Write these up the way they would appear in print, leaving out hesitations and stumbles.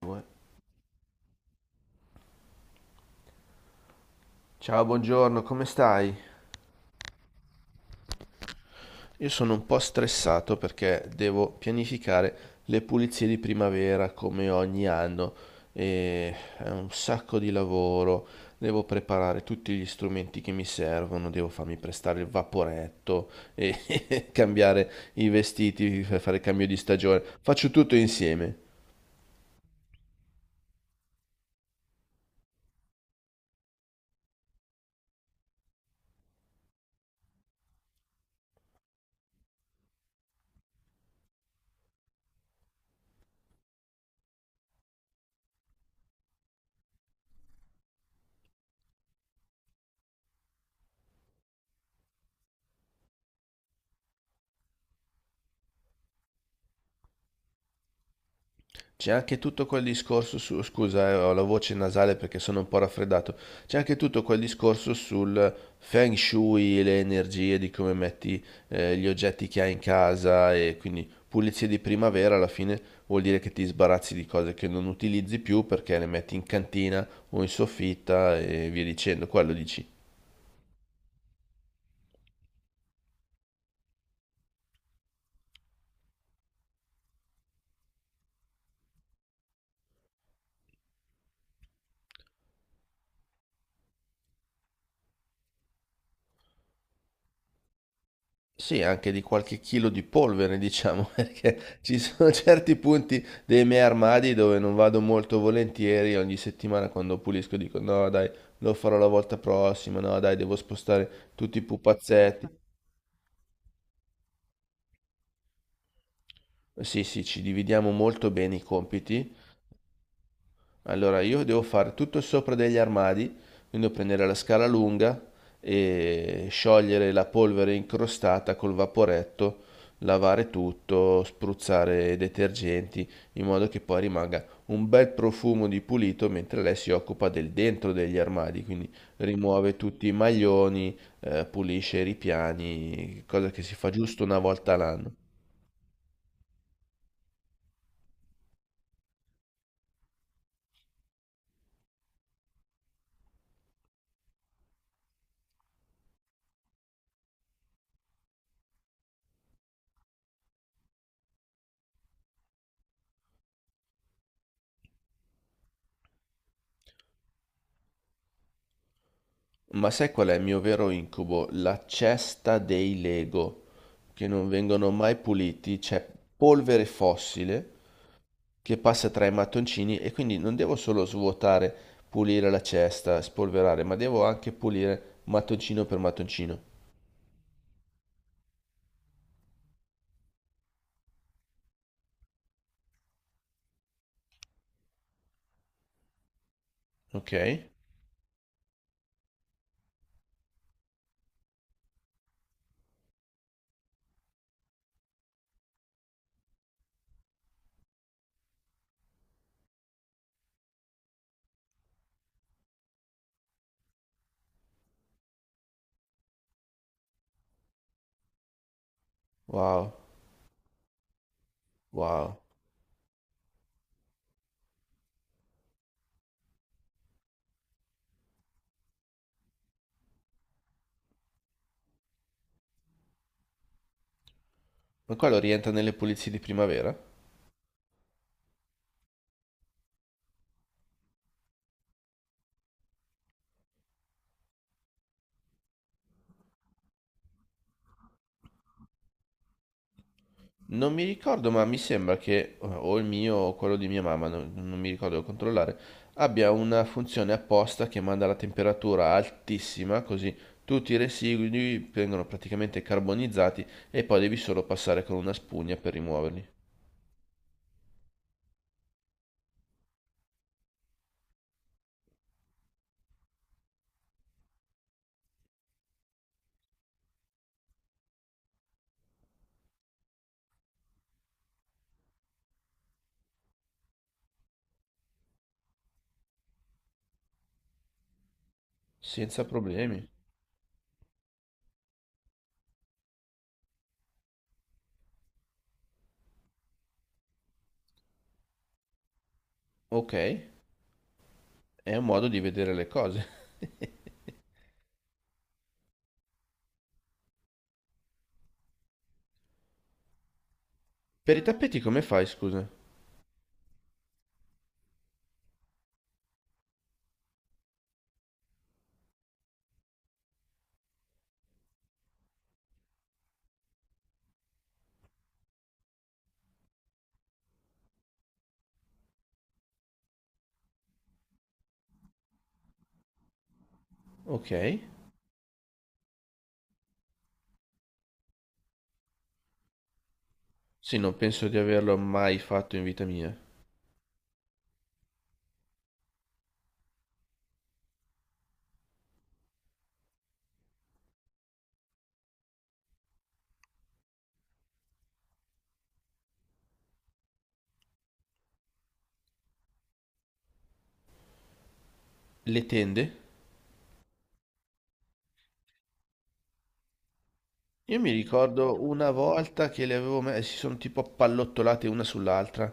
Due. Ciao, buongiorno, come stai? Io sono un po' stressato perché devo pianificare le pulizie di primavera come ogni anno e è un sacco di lavoro. Devo preparare tutti gli strumenti che mi servono, devo farmi prestare il vaporetto e cambiare i vestiti, fare il cambio di stagione. Faccio tutto insieme. C'è anche tutto quel discorso su, scusa, ho la voce nasale perché sono un po' raffreddato. C'è anche tutto quel discorso sul feng shui, le energie, di come metti gli oggetti che hai in casa e quindi pulizie di primavera alla fine vuol dire che ti sbarazzi di cose che non utilizzi più perché le metti in cantina o in soffitta e via dicendo. Quello dici. Sì, anche di qualche chilo di polvere, diciamo, perché ci sono certi punti dei miei armadi dove non vado molto volentieri. Ogni settimana quando pulisco dico no, dai, lo farò la volta prossima, no, dai, devo spostare tutti i pupazzetti. Sì, sì, ci dividiamo molto bene i compiti. Allora, io devo fare tutto sopra degli armadi, quindi devo prendere la scala lunga e sciogliere la polvere incrostata col vaporetto, lavare tutto, spruzzare detergenti, in modo che poi rimanga un bel profumo di pulito, mentre lei si occupa del dentro degli armadi, quindi rimuove tutti i maglioni, pulisce i ripiani, cosa che si fa giusto una volta all'anno. Ma sai qual è il mio vero incubo? La cesta dei Lego, che non vengono mai puliti, c'è polvere fossile che passa tra i mattoncini e quindi non devo solo svuotare, pulire la cesta, spolverare, ma devo anche pulire mattoncino per mattoncino. Ok? Wow, wow. Ma quello rientra nelle pulizie di primavera? Non mi ricordo, ma mi sembra che o il mio o quello di mia mamma, non mi ricordo, devo controllare, abbia una funzione apposta che manda la temperatura altissima, così tutti i residui vengono praticamente carbonizzati e poi devi solo passare con una spugna per rimuoverli. Senza problemi. Ok, è un modo di vedere le cose. Per i tappeti come fai, scusa? Ok. Sì, non penso di averlo mai fatto in vita mia. Le tende? Io mi ricordo una volta che le avevo messe, si sono tipo appallottolate una sull'altra.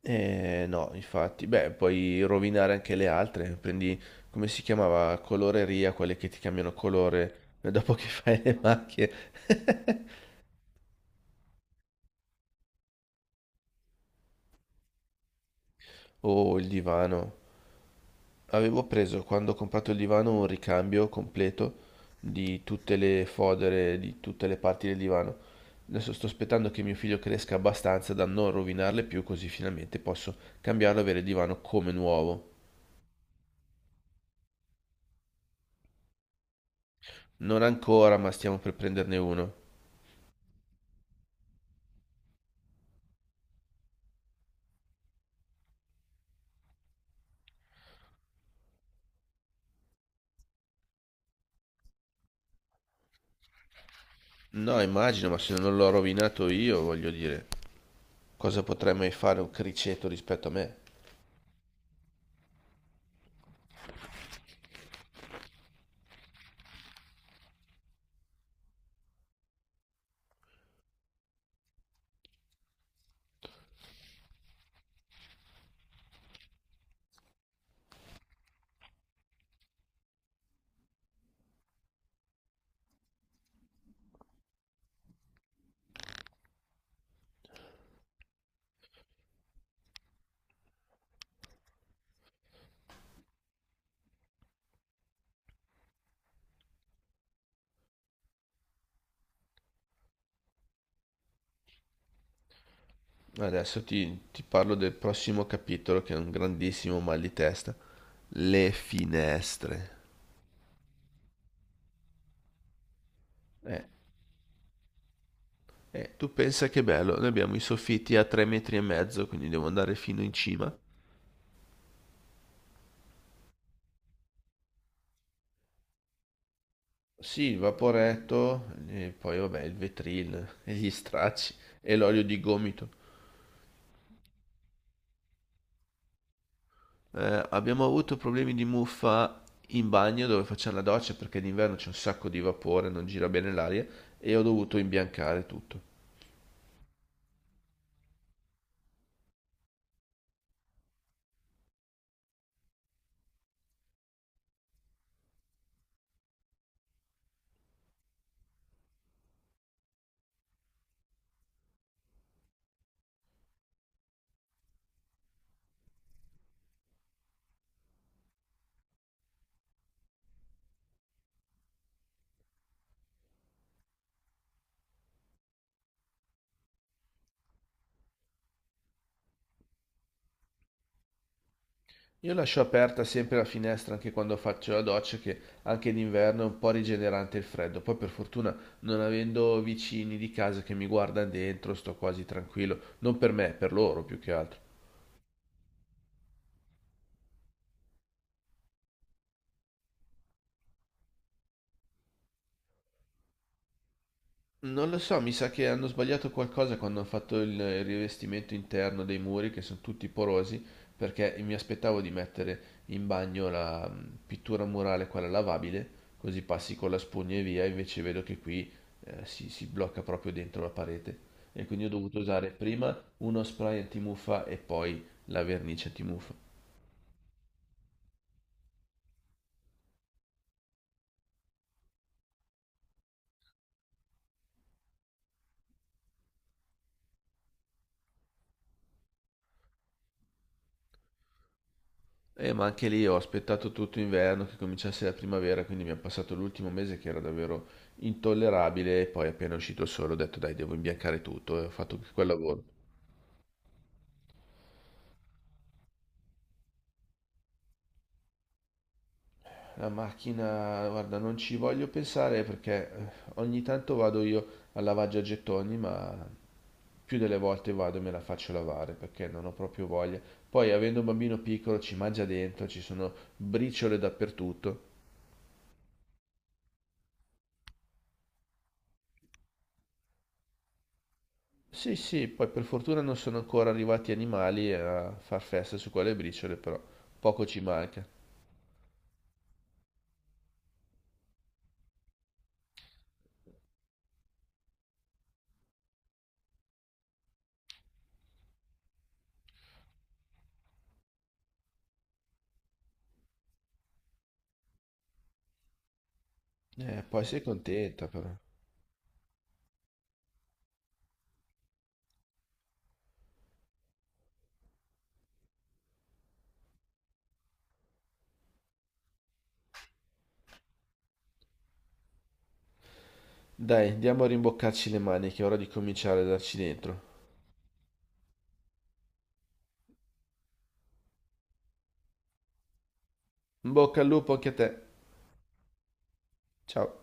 Eh no, infatti, beh, puoi rovinare anche le altre. Prendi, come si chiamava? Coloreria, quelle che ti cambiano colore dopo che fai le macchie. Oh, il divano. Avevo preso quando ho comprato il divano un ricambio completo di tutte le fodere, di tutte le parti del divano. Adesso sto aspettando che mio figlio cresca abbastanza da non rovinarle più, così finalmente posso cambiarlo e avere il divano come nuovo. Non ancora, ma stiamo per prenderne uno. No, immagino, ma se non l'ho rovinato io, voglio dire, cosa potrai mai fare un criceto rispetto a me? Adesso ti parlo del prossimo capitolo, che è un grandissimo mal di testa. Le finestre. Eh, tu pensa che bello, noi abbiamo i soffitti a 3 metri e mezzo, quindi devo andare fino in cima. Sì, il vaporetto, e poi vabbè, il vetril, e gli stracci, e l'olio di gomito. Abbiamo avuto problemi di muffa in bagno dove facciamo la doccia perché d'inverno c'è un sacco di vapore, non gira bene l'aria, e ho dovuto imbiancare tutto. Io lascio aperta sempre la finestra anche quando faccio la doccia, che anche d'inverno è un po' rigenerante il freddo. Poi per fortuna non avendo vicini di casa che mi guardano dentro, sto quasi tranquillo. Non per me, per loro più che altro. Non lo so, mi sa che hanno sbagliato qualcosa quando hanno fatto il rivestimento interno dei muri, che sono tutti porosi, perché mi aspettavo di mettere in bagno la pittura murale, quella lavabile, così passi con la spugna e via, invece vedo che qui si blocca proprio dentro la parete. E quindi ho dovuto usare prima uno spray antimuffa e poi la vernice antimuffa. Ma anche lì ho aspettato tutto inverno che cominciasse la primavera, quindi mi è passato l'ultimo mese che era davvero intollerabile e poi appena uscito il sole ho detto dai, devo imbiancare tutto e ho fatto quel lavoro. La macchina, guarda, non ci voglio pensare perché ogni tanto vado io al lavaggio a gettoni, ma più delle volte vado e me la faccio lavare perché non ho proprio voglia. Poi, avendo un bambino piccolo, ci mangia dentro, ci sono briciole dappertutto. Sì, sì, poi per fortuna non sono ancora arrivati animali a far festa su quelle briciole, però poco ci manca. Poi sei contenta però. Dai, andiamo a rimboccarci le maniche, è ora di cominciare a darci dentro. In bocca al lupo anche a te. Ciao.